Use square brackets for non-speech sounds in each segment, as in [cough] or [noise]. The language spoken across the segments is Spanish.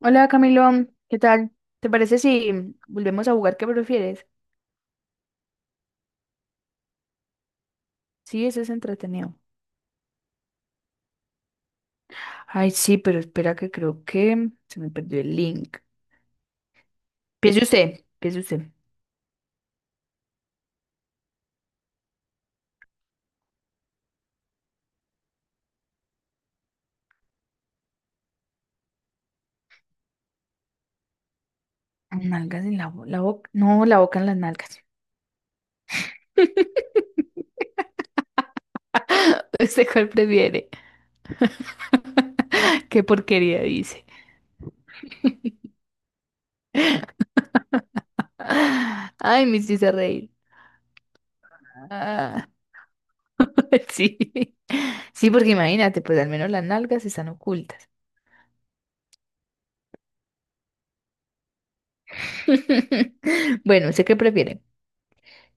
Hola Camilo, ¿qué tal? ¿Te parece si volvemos a jugar qué prefieres? Sí, eso es entretenido. Ay, sí, pero espera que creo que se me perdió el link. Piense usted, piense usted. Nalgas en la, la boca. No, la boca en las nalgas. [laughs] ¿Usted cuál prefiere? Qué porquería dice. Ah, Ay, me hiciste reír. Ah, [laughs] sí. Sí, porque imagínate, pues al menos las nalgas están ocultas. [laughs] Bueno, sé qué prefiere.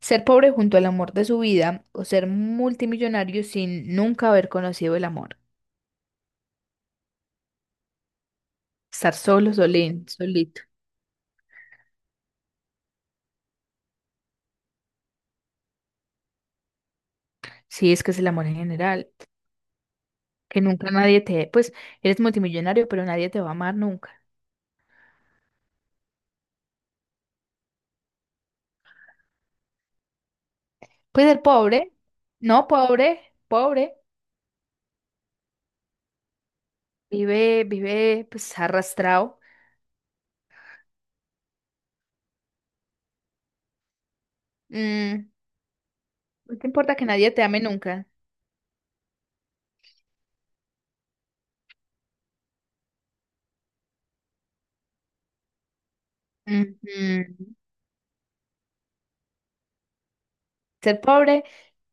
Ser pobre junto al amor de su vida o ser multimillonario sin nunca haber conocido el amor. Estar solo, solín, solito. Sí, es que es el amor en general. Que nunca nadie te... Pues eres multimillonario, pero nadie te va a amar nunca. Pues el pobre, no pobre, pobre, vive, vive pues arrastrado. Mm, no te importa que nadie te ame nunca. Ujú. Ser pobre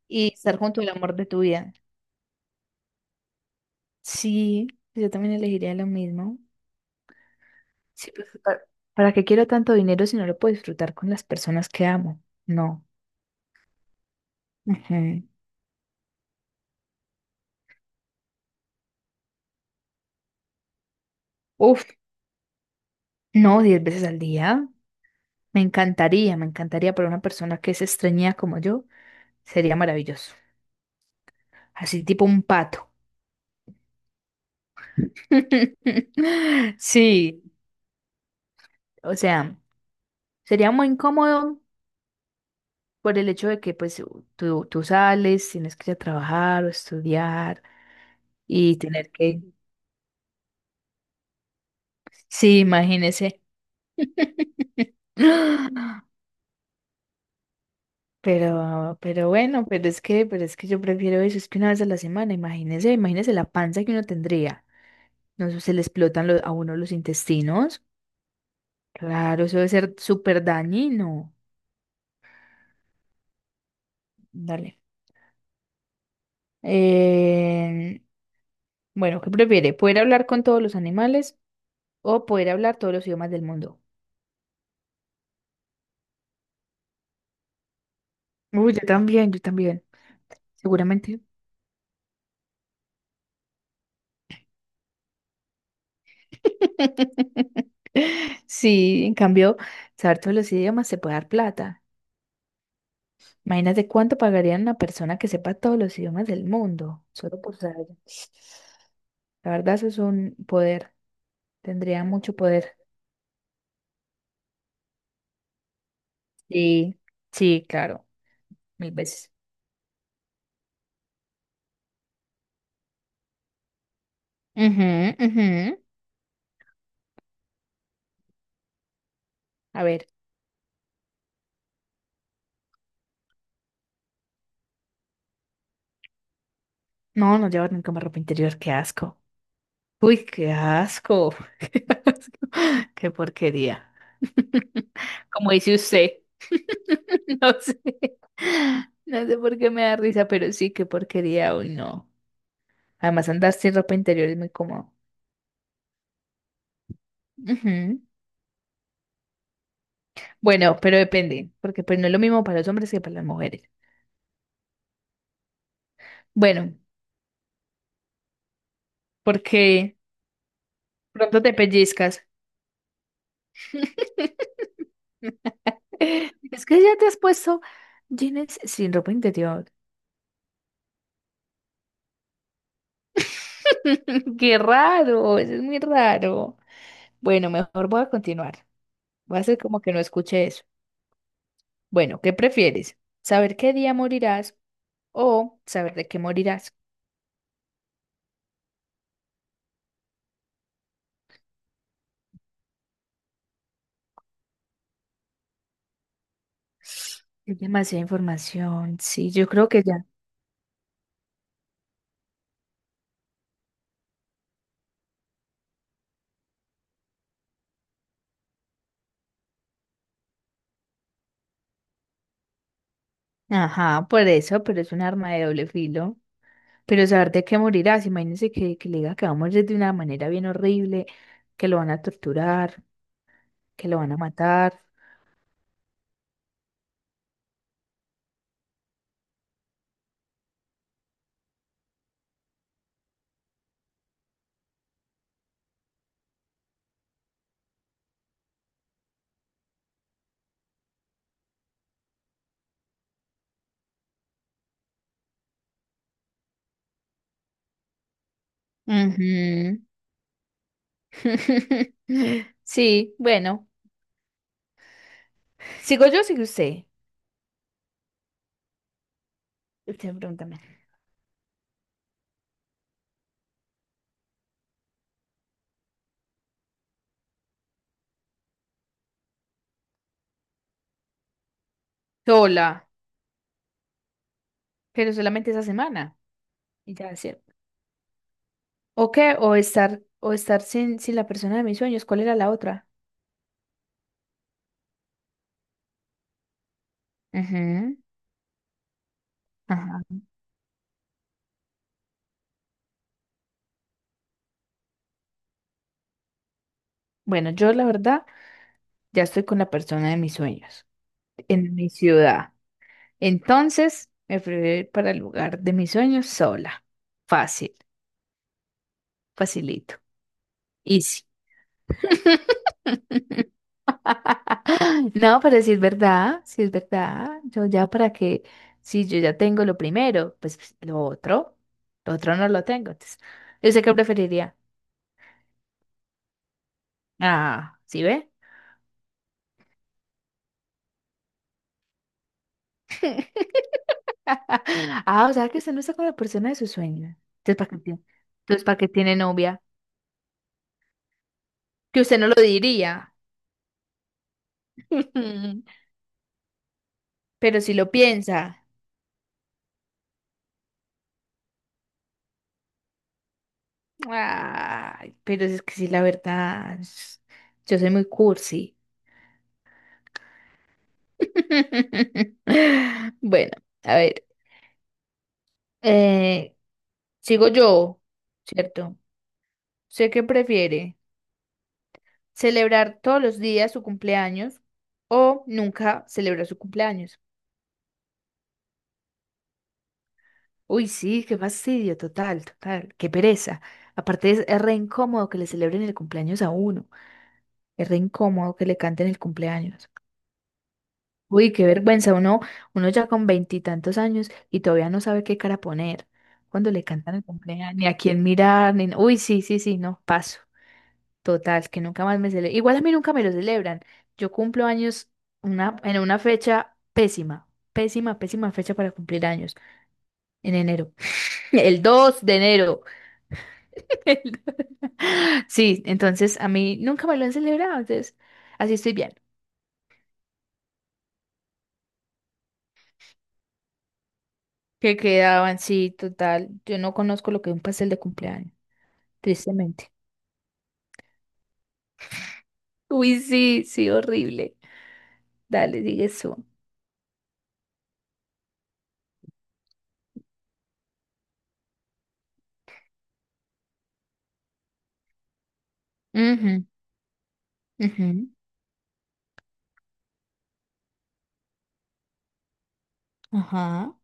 y estar junto al amor de tu vida. Sí, yo también elegiría lo mismo. Sí, pues, ¿para qué quiero tanto dinero si no lo puedo disfrutar con las personas que amo? No. Ujú. Uf, no, 10 veces al día. Me encantaría para una persona que es extrañida como yo. Sería maravilloso. Así tipo un pato. [laughs] Sí, o sea, sería muy incómodo por el hecho de que pues tú sales, tienes que ir a trabajar o estudiar y tener que... Sí, imagínese. [gasps] Pero bueno, pero es que yo prefiero eso, es que una vez a la semana, imagínese, imagínese la panza que uno tendría. No sé, se le explotan a uno los intestinos. Claro, eso debe ser súper dañino. Dale. Eh, bueno, ¿qué prefiere? ¿Poder hablar con todos los animales o poder hablar todos los idiomas del mundo? Uy, yo también, seguramente. [laughs] Sí, en cambio, saber todos los idiomas se puede dar plata. Imagínate cuánto pagarían una persona que sepa todos los idiomas del mundo, solo por saber. La verdad, eso es un poder. Tendría mucho poder. Sí, sí, claro, mil veces. Ujú, ujú. A ver, no, no llevar nunca más ropa interior, qué asco. Uy, qué asco, [laughs] qué asco, qué porquería. [laughs] Como dice usted, [laughs] no sé, no sé por qué me da risa, pero sí, qué porquería, uy, no. Además, andar sin ropa interior es muy cómodo. Ujú. Bueno, pero depende, porque pues no es lo mismo para los hombres que para las mujeres. Bueno, porque pronto te pellizcas. [laughs] Es que ya te has puesto jeans sin ropa interior. [laughs] Qué raro, eso es muy raro. Bueno, mejor voy a continuar. Voy a hacer como que no escuché eso. Bueno, ¿qué prefieres? ¿Saber qué día morirás o saber de qué morirás? Es demasiada información. Sí, yo creo que ya. Ajá, por eso, pero es un arma de doble filo. Pero saber de qué morirás, imagínense que le diga que va a morir de una manera bien horrible, que lo van a torturar, que lo van a matar. Ujú. [laughs] Sí, bueno. Sigo yo, o sigue usted. Usted pregúntame. Sola, pero solamente esa semana. Y ya, ¿cierto? ¿O qué? O estar sin, sin la persona de mis sueños. ¿Cuál era la otra? Ujú, Ajá. Bueno, yo la verdad ya estoy con la persona de mis sueños en mi ciudad. Entonces me fui a ir para el lugar de mis sueños sola. Fácil, facilito. Easy. [laughs] No, pero si es verdad, si es verdad, yo ya para que, si yo ya tengo lo primero, pues, lo otro no lo tengo. Entonces, yo sé que [laughs] preferiría. Ah, ¿sí ve? [laughs] Ah, o sea que usted no está con la persona de sus sueños. Entonces, ¿para qué tiene? Entonces, ¿para qué tiene novia? Que usted no lo diría. [laughs] Pero si lo piensa. Ay, pero es que sí, la verdad, yo soy muy cursi. [laughs] Bueno, a ver, eh, sigo yo, ¿cierto? ¿Sé qué prefiere? ¿Celebrar todos los días su cumpleaños o nunca celebrar su cumpleaños? Uy, sí, qué fastidio, total, total, qué pereza. Aparte es re incómodo que le celebren el cumpleaños a uno, es re incómodo que le canten el cumpleaños. Uy, qué vergüenza, uno, uno ya con veintitantos años y todavía no sabe qué cara poner cuando le cantan el cumpleaños, ni a quién mirar, ni... no, Uy, sí, sí, sí, no, paso. Total, que nunca más me celebran. Igual a mí nunca me lo celebran. Yo cumplo años en una fecha pésima, pésima, pésima fecha para cumplir años, en enero. [laughs] El 2 de enero. [laughs] El- Sí, entonces a mí nunca me lo han celebrado, entonces así estoy bien. Que quedaban, sí, total. Yo no conozco lo que es un pastel de cumpleaños. Tristemente. Uy, sí, sí, horrible. Dale, sigue eso. Ujú, ujú, Ajá.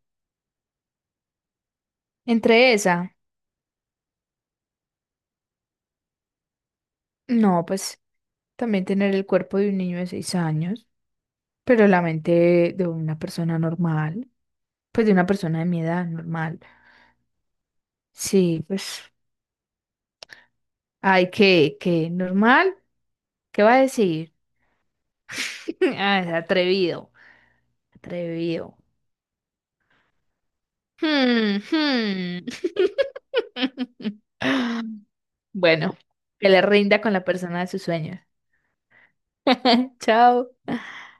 Entre esa, no, pues también tener el cuerpo de un niño de 6 años, pero la mente de una persona normal, pues de una persona de mi edad normal. Sí, pues, ay, ¿qué, normal? ¿Qué va a decir? [laughs] Ah, es atrevido, atrevido. Hmm, hmm. [laughs] [laughs] Bueno, que le rinda con la persona de sus sueños. [laughs] Chao.